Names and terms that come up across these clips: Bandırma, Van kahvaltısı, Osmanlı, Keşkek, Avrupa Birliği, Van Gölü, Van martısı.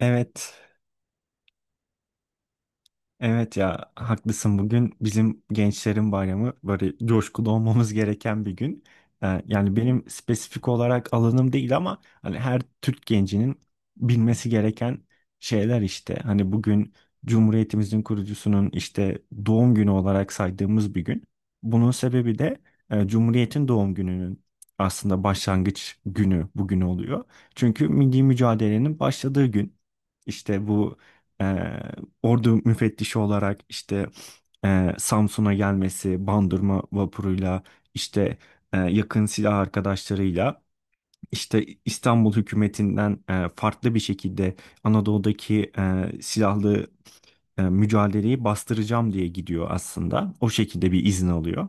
Evet, evet, ya haklısın. Bugün bizim gençlerin bayramı, böyle coşkulu olmamız gereken bir gün. Yani benim spesifik olarak alanım değil ama hani her Türk gencinin bilmesi gereken şeyler işte. Hani bugün Cumhuriyetimizin kurucusunun işte doğum günü olarak saydığımız bir gün. Bunun sebebi de Cumhuriyet'in doğum gününün aslında başlangıç günü bugün oluyor. Çünkü milli mücadelenin başladığı gün. İşte bu ordu müfettişi olarak işte Samsun'a gelmesi, Bandırma vapuruyla işte yakın silah arkadaşlarıyla işte İstanbul hükümetinden farklı bir şekilde Anadolu'daki silahlı mücadeleyi bastıracağım diye gidiyor aslında. O şekilde bir izin alıyor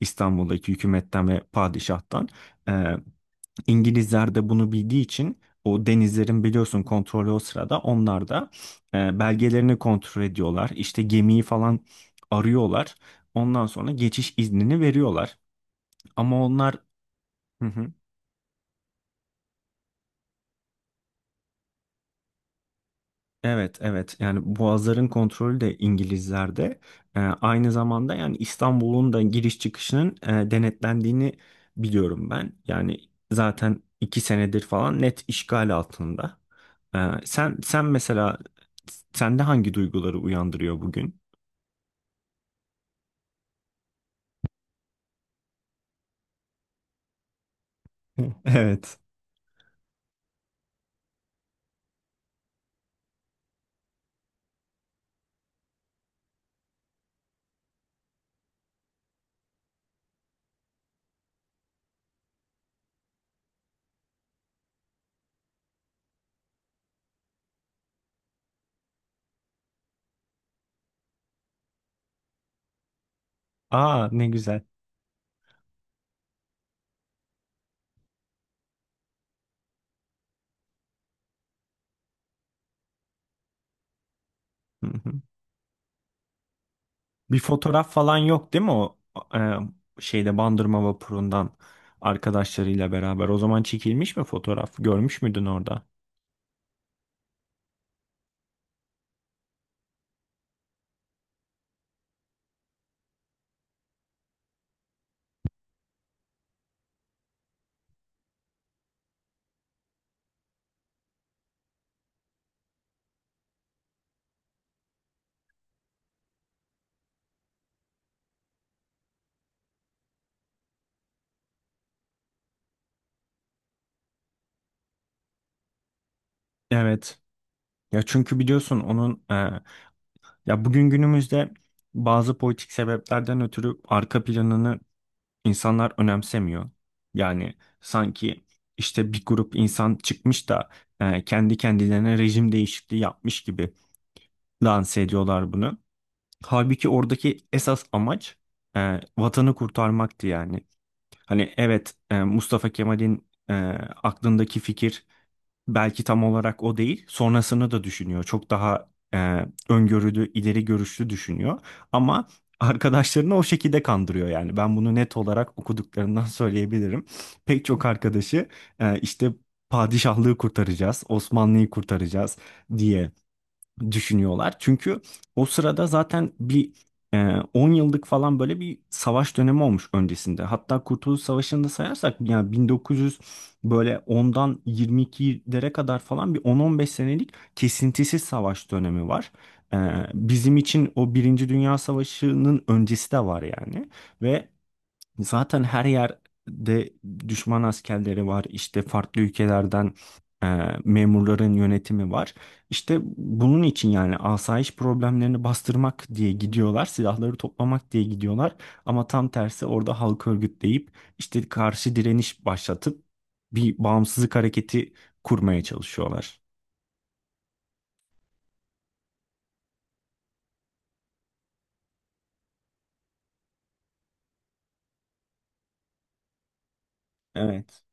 İstanbul'daki hükümetten ve padişahtan. İngilizler de bunu bildiği için, o denizlerin biliyorsun kontrolü o sırada onlar da belgelerini kontrol ediyorlar. İşte gemiyi falan arıyorlar. Ondan sonra geçiş iznini veriyorlar. Ama onlar. Hı hı. Evet, evet, yani boğazların kontrolü de İngilizlerde. Aynı zamanda yani İstanbul'un da giriş çıkışının denetlendiğini biliyorum ben. Yani zaten iki senedir falan net işgal altında. Sen mesela sende hangi duyguları uyandırıyor bugün? Evet. Aa, ne güzel. Hı hı. Bir fotoğraf falan yok değil mi o şeyde, Bandırma vapurundan arkadaşlarıyla beraber? O zaman çekilmiş mi fotoğraf? Görmüş müydün orada? Evet. Ya çünkü biliyorsun onun ya bugün günümüzde bazı politik sebeplerden ötürü arka planını İnsanlar önemsemiyor. Yani sanki işte bir grup insan çıkmış da kendi kendilerine rejim değişikliği yapmış gibi lanse ediyorlar bunu. Halbuki oradaki esas amaç vatanı kurtarmaktı yani. Hani evet, Mustafa Kemal'in aklındaki fikir belki tam olarak o değil. Sonrasını da düşünüyor. Çok daha öngörülü, ileri görüşlü düşünüyor. Ama arkadaşlarını o şekilde kandırıyor yani. Ben bunu net olarak okuduklarından söyleyebilirim. Pek çok arkadaşı işte padişahlığı kurtaracağız, Osmanlı'yı kurtaracağız diye düşünüyorlar. Çünkü o sırada zaten bir 10 yıllık falan böyle bir savaş dönemi olmuş öncesinde. Hatta Kurtuluş Savaşı'nı da sayarsak, yani 1900 böyle 10'dan 22'lere kadar falan bir 10-15 senelik kesintisiz savaş dönemi var. E, bizim için o Birinci Dünya Savaşı'nın öncesi de var yani. Ve zaten her yerde düşman askerleri var. İşte farklı ülkelerden e, memurların yönetimi var. İşte bunun için yani asayiş problemlerini bastırmak diye gidiyorlar. Silahları toplamak diye gidiyorlar. Ama tam tersi, orada halk örgütleyip işte karşı direniş başlatıp bir bağımsızlık hareketi kurmaya çalışıyorlar. Evet.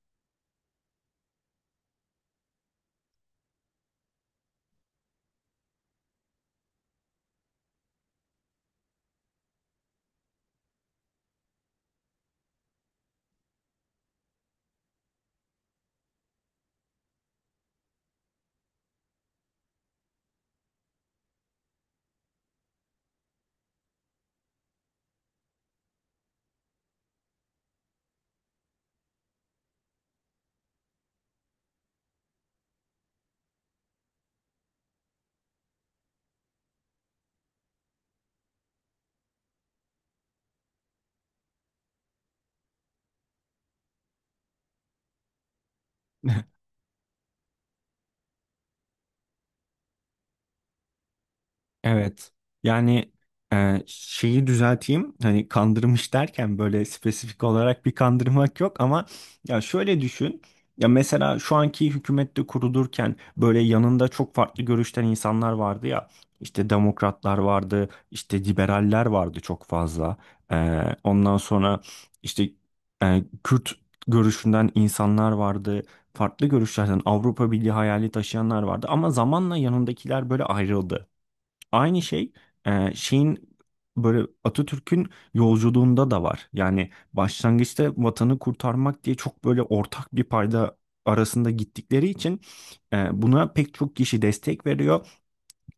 Evet. Yani şeyi düzelteyim. Hani kandırmış derken böyle spesifik olarak bir kandırmak yok ama ya şöyle düşün. Ya mesela şu anki hükümette kurulurken böyle yanında çok farklı görüşten insanlar vardı ya. İşte demokratlar vardı, işte liberaller vardı çok fazla. Ondan sonra işte Kürt görüşünden insanlar vardı. Farklı görüşlerden Avrupa Birliği hayali taşıyanlar vardı ama zamanla yanındakiler böyle ayrıldı. Aynı şey şeyin, böyle Atatürk'ün yolculuğunda da var. Yani başlangıçta vatanı kurtarmak diye çok böyle ortak bir payda arasında gittikleri için buna pek çok kişi destek veriyor.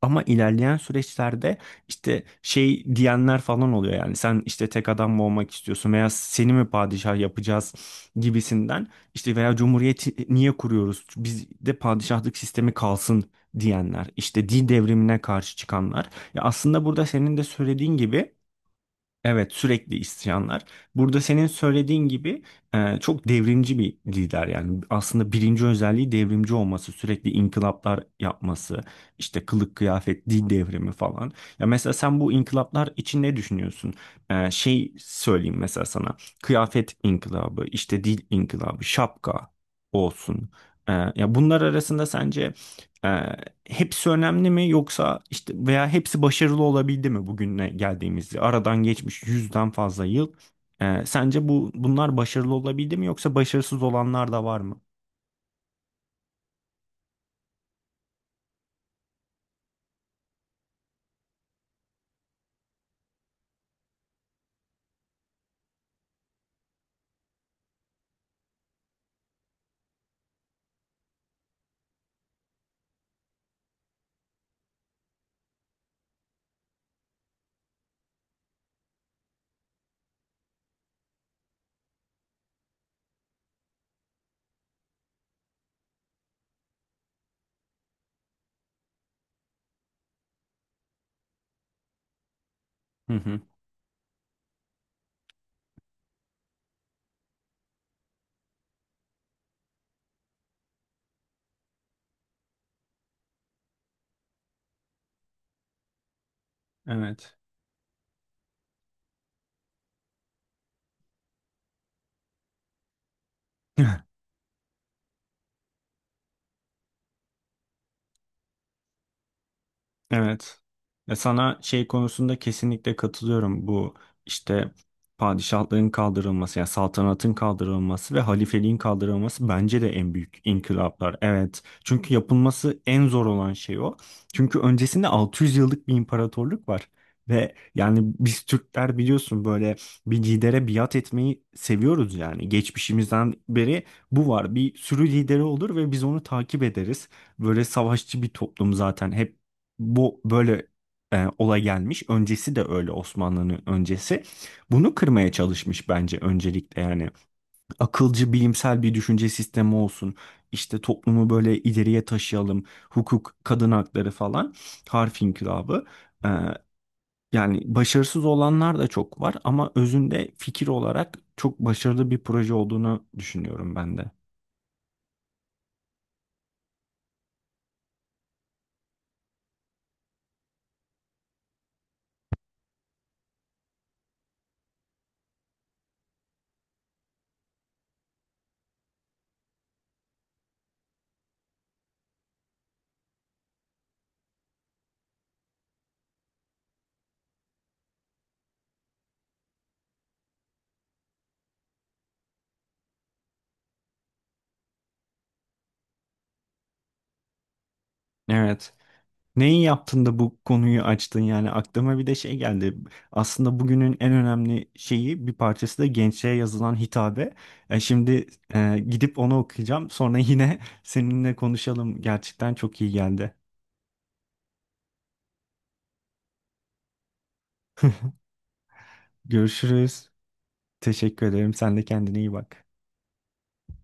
Ama ilerleyen süreçlerde işte şey diyenler falan oluyor, yani sen işte tek adam mı olmak istiyorsun veya seni mi padişah yapacağız gibisinden, işte veya cumhuriyeti niye kuruyoruz, biz de padişahlık sistemi kalsın diyenler, işte din devrimine karşı çıkanlar. Ya aslında burada senin de söylediğin gibi. Evet, sürekli isyanlar. Burada senin söylediğin gibi çok devrimci bir lider, yani aslında birinci özelliği devrimci olması, sürekli inkılaplar yapması, işte kılık kıyafet, dil devrimi falan. Ya mesela sen bu inkılaplar için ne düşünüyorsun? Şey söyleyeyim mesela sana. Kıyafet inkılabı, işte dil inkılabı, şapka olsun. Ya bunlar arasında sence hepsi önemli mi, yoksa işte veya hepsi başarılı olabildi mi bugüne geldiğimizde? Aradan geçmiş yüzden fazla yıl. Sence bu bunlar başarılı olabildi mi yoksa başarısız olanlar da var mı? Hı hı. Evet. Evet. Ya sana şey konusunda kesinlikle katılıyorum. Bu işte padişahlığın kaldırılması, yani saltanatın kaldırılması ve halifeliğin kaldırılması bence de en büyük inkılaplar. Evet. Çünkü yapılması en zor olan şey o. Çünkü öncesinde 600 yıllık bir imparatorluk var. Ve yani biz Türkler biliyorsun böyle bir lidere biat etmeyi seviyoruz yani. Geçmişimizden beri bu var. Bir sürü lideri olur ve biz onu takip ederiz. Böyle savaşçı bir toplum zaten. Hep bu böyle olay gelmiş. Öncesi de öyle, Osmanlı'nın öncesi. Bunu kırmaya çalışmış bence öncelikle yani. Akılcı, bilimsel bir düşünce sistemi olsun. İşte toplumu böyle ileriye taşıyalım. Hukuk, kadın hakları falan. Harf inkılabı. E, yani başarısız olanlar da çok var ama özünde fikir olarak çok başarılı bir proje olduğunu düşünüyorum ben de. Evet. Neyi yaptın da bu konuyu açtın, yani aklıma bir de şey geldi. Aslında bugünün en önemli şeyi, bir parçası da gençliğe yazılan hitabe. Şimdi gidip onu okuyacağım. Sonra yine seninle konuşalım. Gerçekten çok iyi geldi. Görüşürüz. Teşekkür ederim. Sen de kendine iyi bak.